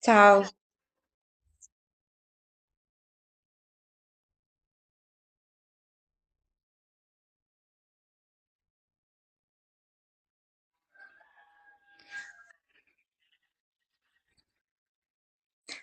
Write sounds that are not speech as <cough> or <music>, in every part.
Ciao.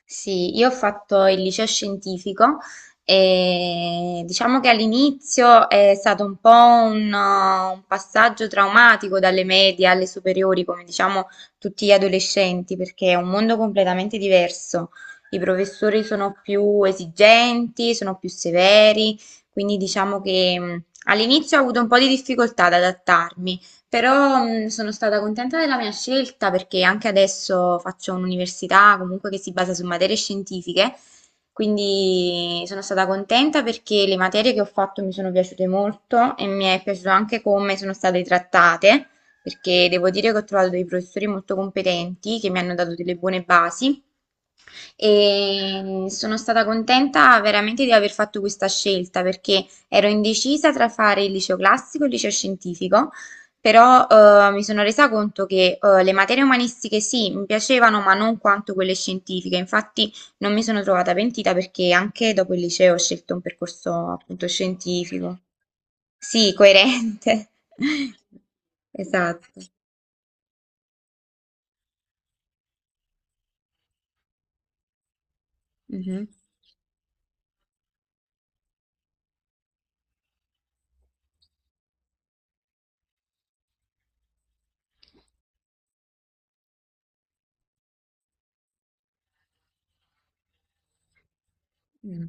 Sì, io ho fatto il liceo scientifico e diciamo che all'inizio è stato un po' un passaggio traumatico dalle medie alle superiori, come diciamo tutti gli adolescenti, perché è un mondo completamente diverso. I professori sono più esigenti, sono più severi, quindi diciamo che all'inizio ho avuto un po' di difficoltà ad adattarmi. Però sono stata contenta della mia scelta perché anche adesso faccio un'università comunque che si basa su materie scientifiche, quindi sono stata contenta perché le materie che ho fatto mi sono piaciute molto e mi è piaciuto anche come sono state trattate, perché devo dire che ho trovato dei professori molto competenti che mi hanno dato delle buone basi e sono stata contenta veramente di aver fatto questa scelta perché ero indecisa tra fare il liceo classico e il liceo scientifico, però mi sono resa conto che le materie umanistiche sì, mi piacevano, ma non quanto quelle scientifiche. Infatti non mi sono trovata pentita perché anche dopo il liceo ho scelto un percorso appunto scientifico. Sì, coerente. <laughs> Esatto. Mhm. Mm.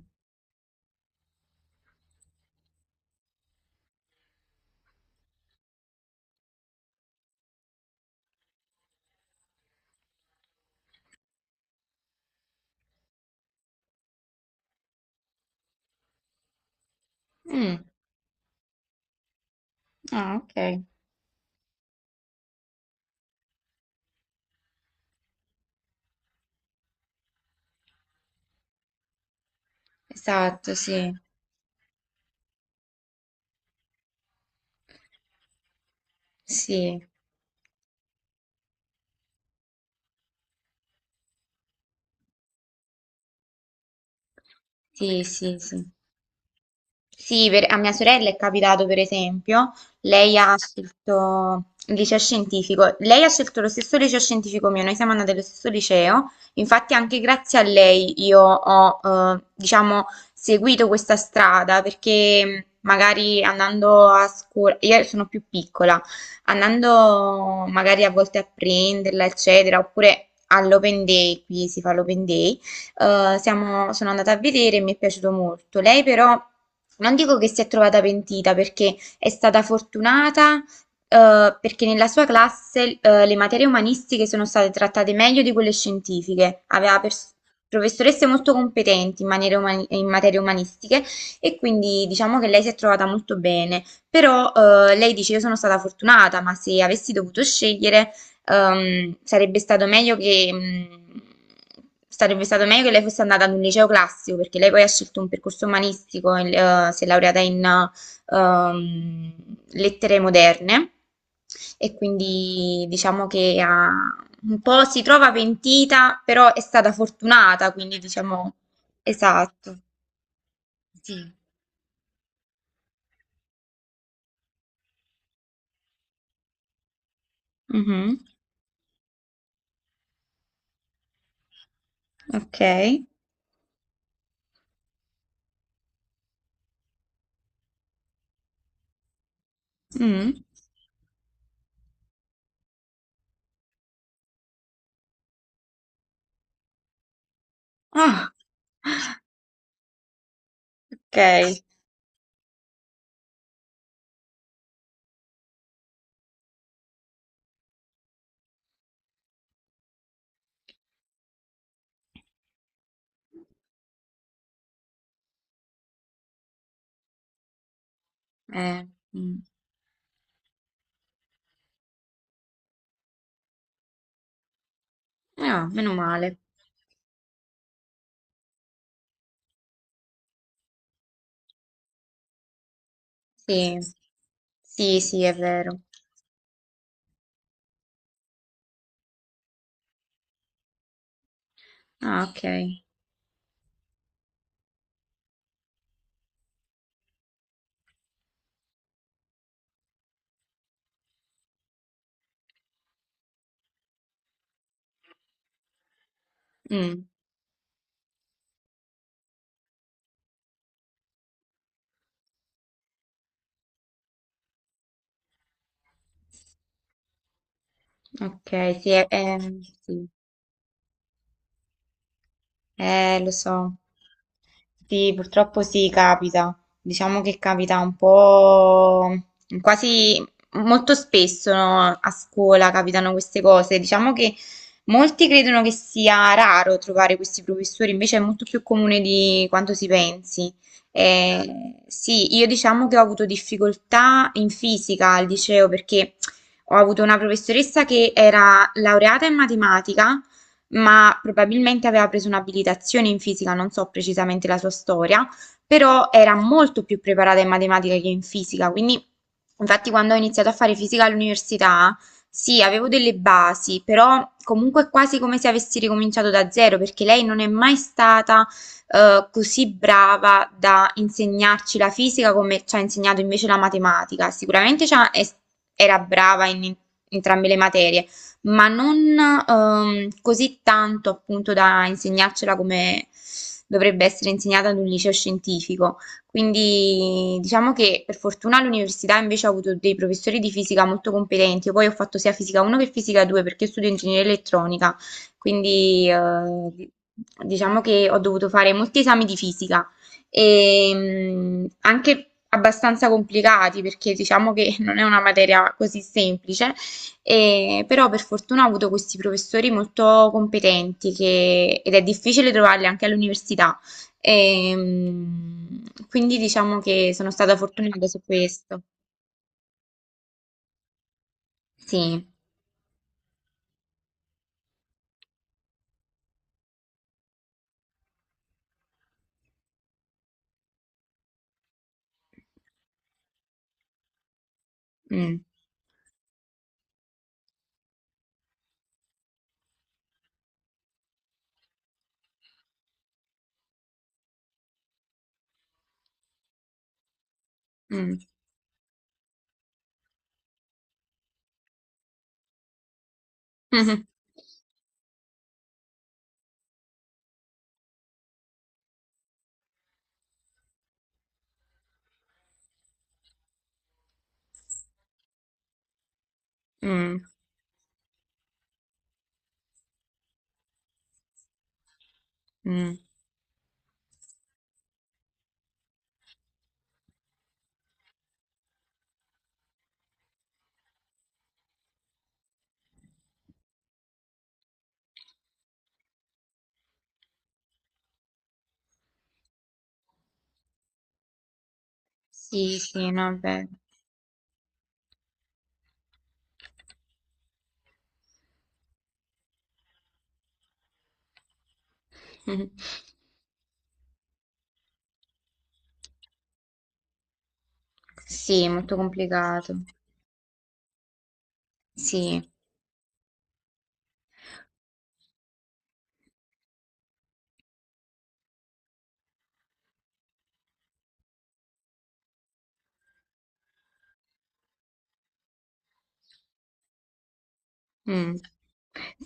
Mm. Ah, ok. Esatto, sì. Sì. Sì, sì, sì. A mia sorella è capitato per esempio, lei ha scelto il liceo scientifico, lei ha scelto lo stesso liceo scientifico mio, noi siamo andate allo stesso liceo, infatti anche grazie a lei io ho, diciamo, seguito questa strada perché magari andando a scuola, io sono più piccola, andando magari a volte a prenderla, eccetera, oppure all'open day, qui si fa l'open day. Sono andata a vedere e mi è piaciuto molto. Lei però non dico che si è trovata pentita perché è stata fortunata, perché nella sua classe, le materie umanistiche sono state trattate meglio di quelle scientifiche. Aveva professoresse molto competenti in materie umanistiche e quindi diciamo che lei si è trovata molto bene. Però lei dice io sono stata fortunata, ma se avessi dovuto scegliere, sarebbe stato meglio che lei fosse andata ad un liceo classico, perché lei poi ha scelto un percorso umanistico, si è laureata in ehm, lettere moderne e quindi diciamo che un po' si trova pentita, però è stata fortunata, quindi diciamo. Esatto. Sì. Mhm. Ok. Mm. Ah, ok. Eh, mm. Ah, meno male. Sì, sì, sì, è vero. Ah, ok. Mm, ok, sì, sì. Lo so. Sì, purtroppo sì, capita. Diciamo che capita un po' quasi molto spesso, no? A scuola capitano queste cose. Diciamo che molti credono che sia raro trovare questi professori, invece è molto più comune di quanto si pensi. Sì, io diciamo che ho avuto difficoltà in fisica al liceo perché ho avuto una professoressa che era laureata in matematica ma probabilmente aveva preso un'abilitazione in fisica, non so precisamente la sua storia, però era molto più preparata in matematica che in fisica, quindi infatti quando ho iniziato a fare fisica all'università, sì, avevo delle basi, però comunque è quasi come se avessi ricominciato da zero, perché lei non è mai stata così brava da insegnarci la fisica come ci ha insegnato invece la matematica. Sicuramente era brava in entrambe le materie, ma non così tanto appunto da insegnarcela come dovrebbe essere insegnata ad un liceo scientifico. Quindi diciamo che per fortuna all'università invece ho avuto dei professori di fisica molto competenti. Io poi ho fatto sia fisica 1 che fisica 2 perché io studio ingegneria elettronica, quindi diciamo che ho dovuto fare molti esami di fisica e anche abbastanza complicati perché diciamo che non è una materia così semplice però per fortuna ho avuto questi professori molto competenti ed è difficile trovarli anche all'università. Ehm, quindi diciamo che sono stata fortunata su questo. Sì. Mm, mm. <laughs> Mm, mm. Sì, sì, no, è vero. <laughs> Sì, molto complicato. Sì. Mm.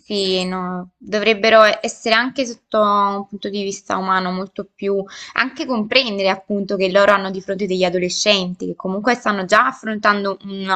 Sì, no, dovrebbero essere anche sotto un punto di vista umano molto più, anche comprendere appunto che loro hanno di fronte degli adolescenti che comunque stanno già affrontando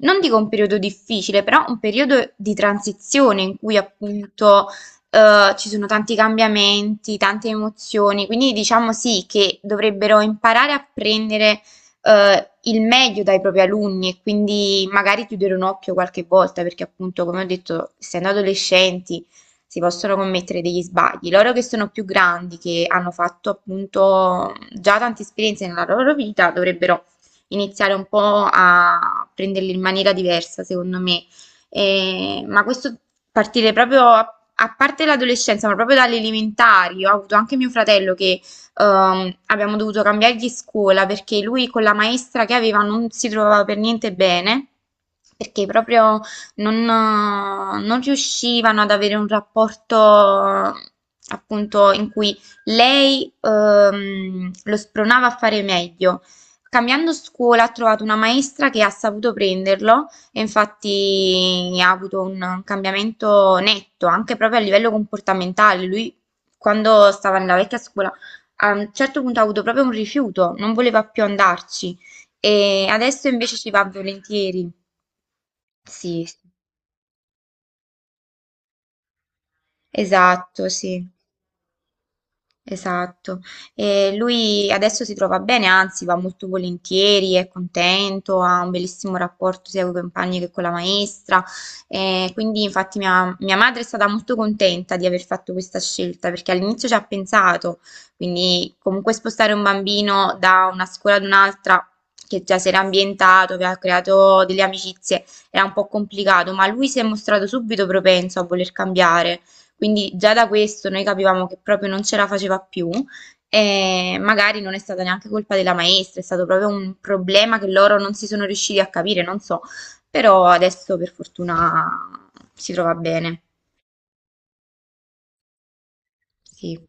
non dico un periodo difficile, però un periodo di transizione in cui appunto ci sono tanti cambiamenti, tante emozioni, quindi diciamo sì che dovrebbero imparare a prendere il meglio dai propri alunni e quindi magari chiudere un occhio qualche volta perché appunto, come ho detto, essendo adolescenti si possono commettere degli sbagli. Loro che sono più grandi, che hanno fatto appunto già tante esperienze nella loro vita, dovrebbero iniziare un po' a prenderli in maniera diversa, secondo me. Ma questo partire proprio a parte l'adolescenza, ma proprio dalle elementari. Ho avuto anche mio fratello che abbiamo dovuto cambiargli scuola perché lui con la maestra che aveva non si trovava per niente bene, perché proprio non riuscivano ad avere un rapporto appunto in cui lei lo spronava a fare meglio. Cambiando scuola ha trovato una maestra che ha saputo prenderlo e infatti ha avuto un cambiamento netto anche proprio a livello comportamentale. Lui quando stava nella vecchia scuola a un certo punto ha avuto proprio un rifiuto, non voleva più andarci e adesso invece ci va volentieri. Sì, sì. Esatto, sì. Esatto. E lui adesso si trova bene, anzi va molto volentieri, è contento, ha un bellissimo rapporto sia con i compagni che con la maestra. E quindi infatti mia, mia madre è stata molto contenta di aver fatto questa scelta perché all'inizio ci ha pensato, quindi comunque spostare un bambino da una scuola ad un'altra che già si era ambientato, aveva creato delle amicizie, era un po' complicato, ma lui si è mostrato subito propenso a voler cambiare. Quindi già da questo noi capivamo che proprio non ce la faceva più e magari non è stata neanche colpa della maestra, è stato proprio un problema che loro non si sono riusciti a capire, non so, però adesso per fortuna si trova bene. Sì.